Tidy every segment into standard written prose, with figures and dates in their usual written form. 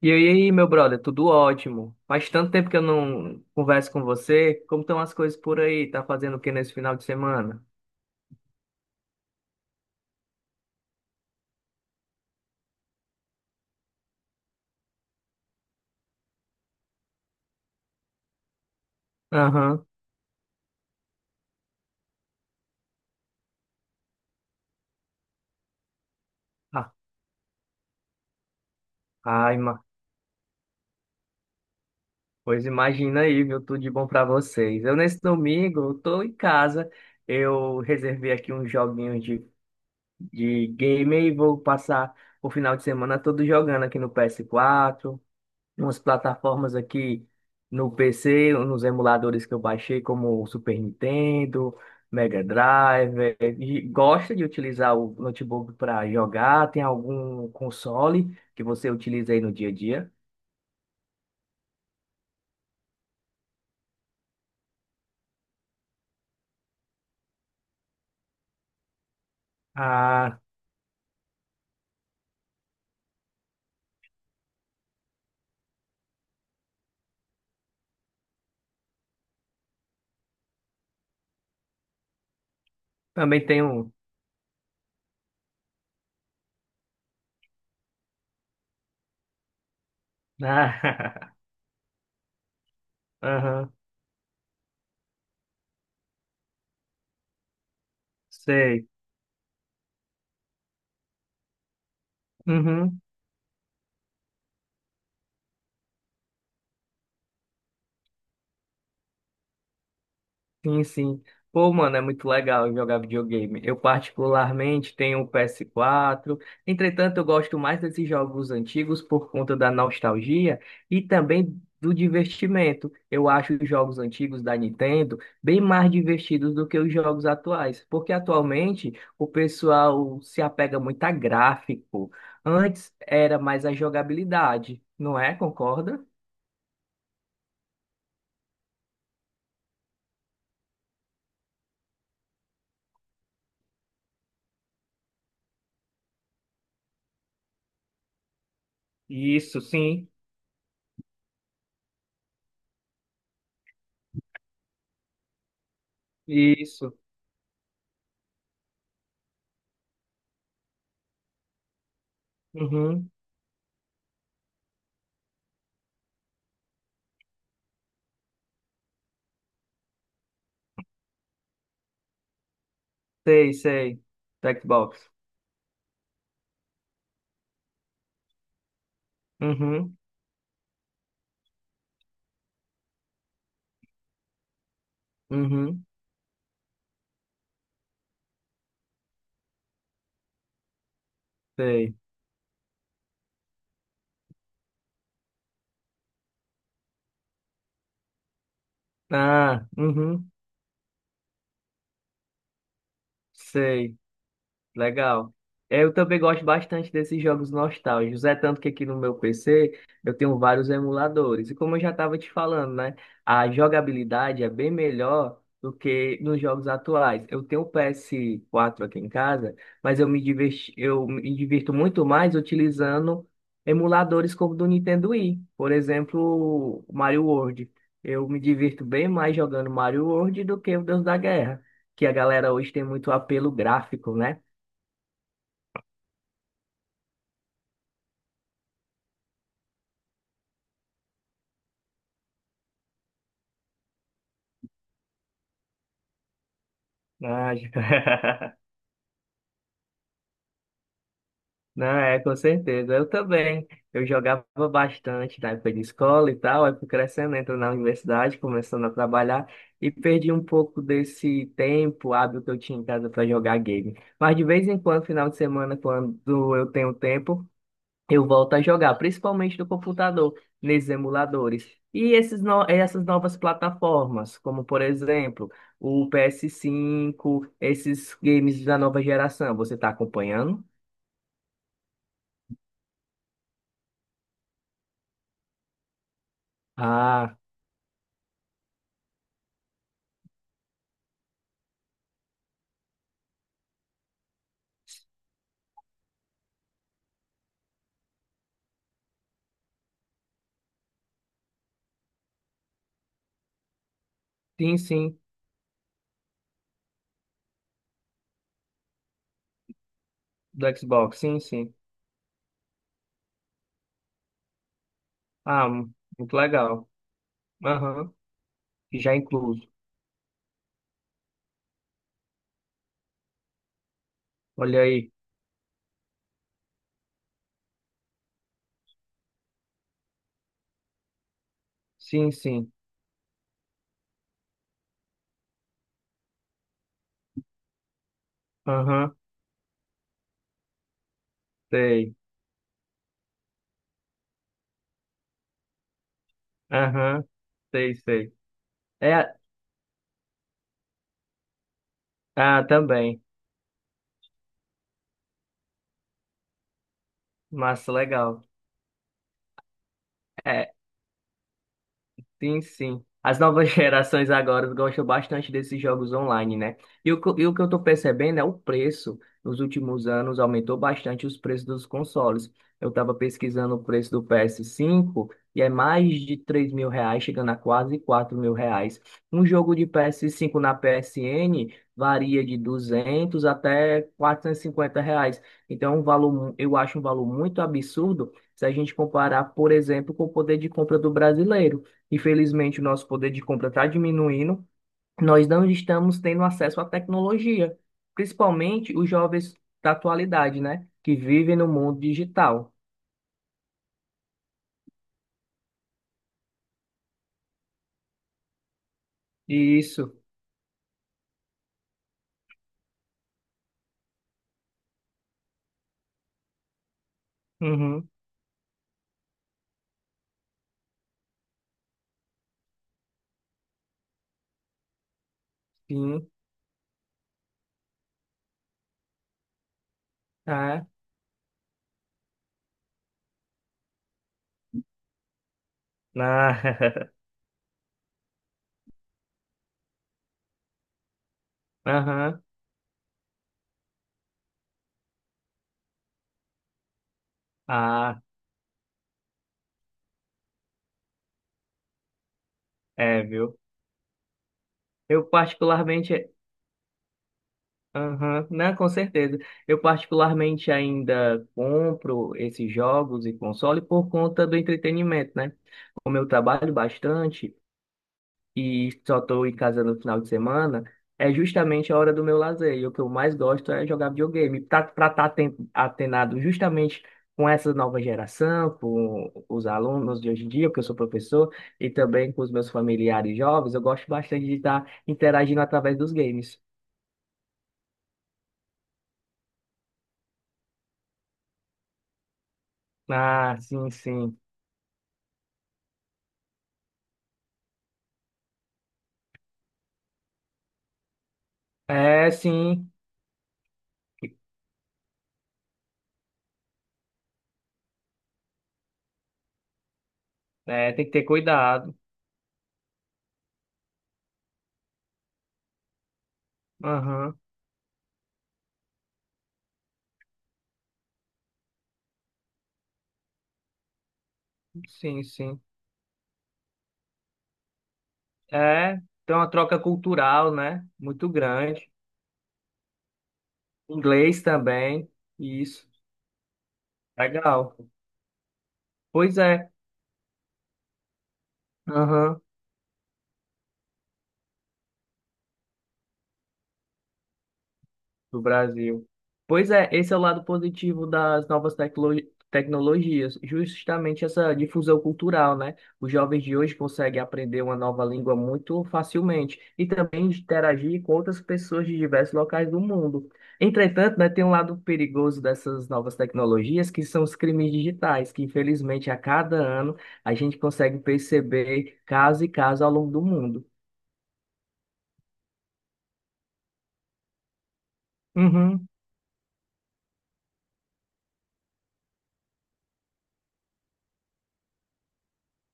E aí, meu brother, tudo ótimo. Faz tanto tempo que eu não converso com você. Como estão as coisas por aí? Tá fazendo o que nesse final de semana? Aham. Ah, ai, ma. Pois imagina aí, viu? Tudo de bom pra vocês. Eu, nesse domingo, eu tô em casa. Eu reservei aqui uns joguinhos de game e vou passar o final de semana todo jogando aqui no PS4. Umas plataformas aqui no PC, nos emuladores que eu baixei, como o Super Nintendo, Mega Drive. E gosta de utilizar o notebook para jogar? Tem algum console que você utiliza aí no dia a dia? Ah, também tem um. Ah, aham, sei. Sim, sim. Pô, mano, é muito legal jogar videogame. Eu particularmente tenho o PS4. Entretanto, eu gosto mais desses jogos antigos por conta da nostalgia e também do divertimento. Eu acho os jogos antigos da Nintendo bem mais divertidos do que os jogos atuais, porque atualmente o pessoal se apega muito a gráfico. Antes era mais a jogabilidade, não é? Concorda? Isso, sim. Isso. Uhum. Sei, sei. Jackbox. Uhum, uhum, sei. Ah, uhum, sei. Legal. É, eu também gosto bastante desses jogos nostálgicos. É tanto que aqui no meu PC eu tenho vários emuladores. E como eu já estava te falando, né? A jogabilidade é bem melhor do que nos jogos atuais. Eu tenho o PS4 aqui em casa, mas eu me divirto muito mais utilizando emuladores como o do Nintendo Wii. Por exemplo, o Mario World. Eu me divirto bem mais jogando Mario World do que o Deus da Guerra, que a galera hoje tem muito apelo gráfico, né? Ah, não, é, com certeza. Eu também. Eu jogava bastante na época de escola e tal, aí fui crescendo, entro na universidade, começando a trabalhar e perdi um pouco desse tempo hábil que eu tinha em casa para jogar game. Mas de vez em quando, final de semana, quando eu tenho tempo, eu volto a jogar, principalmente no computador, nesses emuladores. E esses no- essas novas plataformas, como por exemplo, o PS5, esses games da nova geração, você está acompanhando? Ah, sim, sim, do Xbox, sim, sim. Ah, muito legal. Aham, já incluso. Olha aí. Sim, sim. Aham, sei. Aham, sei, sei. É, ah, também. Massa, legal. É. Sim, sim. As novas gerações agora gostam bastante desses jogos online, né? E o que eu estou percebendo é o preço. Nos últimos anos aumentou bastante os preços dos consoles. Eu estava pesquisando o preço do PS5 e é mais de R$ 3.000, chegando a quase R$ 4.000. Um jogo de PS5 na PSN varia de R$ 200 até R$ 450. Então, é um valor, eu acho um valor muito absurdo se a gente comparar, por exemplo, com o poder de compra do brasileiro. Infelizmente, o nosso poder de compra está diminuindo. Nós não estamos tendo acesso à tecnologia, principalmente os jovens da atualidade, né? Que vivem no mundo digital. Isso. Uhum. Sim. Ah. Ah. Aham. Ah. É, viu? Eu particularmente. Aham. Não, com certeza. Eu particularmente ainda compro esses jogos e console por conta do entretenimento, né? Como eu trabalho bastante e só estou em casa no final de semana, é justamente a hora do meu lazer. E o que eu mais gosto é jogar videogame. Para estar atenado justamente com essa nova geração, com os alunos de hoje em dia, porque eu sou professor, e também com os meus familiares jovens, eu gosto bastante de estar interagindo através dos games. Ah, sim, sim. É, sim. É, tem que ter cuidado. Aham, sim, sim. É, tem uma troca cultural, né? Muito grande. Inglês também. Isso. Legal. Pois é. Aham. Do Brasil. Pois é, esse é o lado positivo das novas tecnologias, justamente essa difusão cultural, né? Os jovens de hoje conseguem aprender uma nova língua muito facilmente e também interagir com outras pessoas de diversos locais do mundo. Entretanto, né, tem um lado perigoso dessas novas tecnologias, que são os crimes digitais, que infelizmente a cada ano a gente consegue perceber caso e caso ao longo do mundo. Uhum,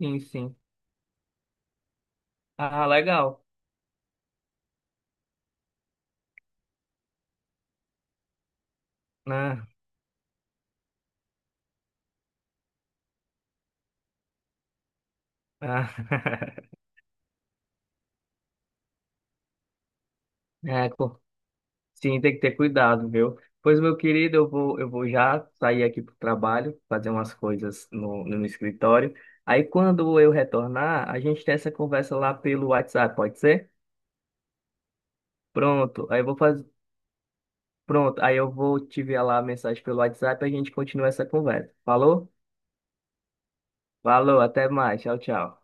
sim, sim. Ah, legal. Ah, ah. É, sim, tem que ter cuidado, viu? Pois, meu querido, eu vou já sair aqui pro trabalho, fazer umas coisas no escritório. Aí, quando eu retornar, a gente tem essa conversa lá pelo WhatsApp, pode ser? Pronto, aí eu vou fazer. Pronto, aí eu vou te enviar lá a mensagem pelo WhatsApp e a gente continua essa conversa. Falou? Falou, até mais. Tchau, tchau.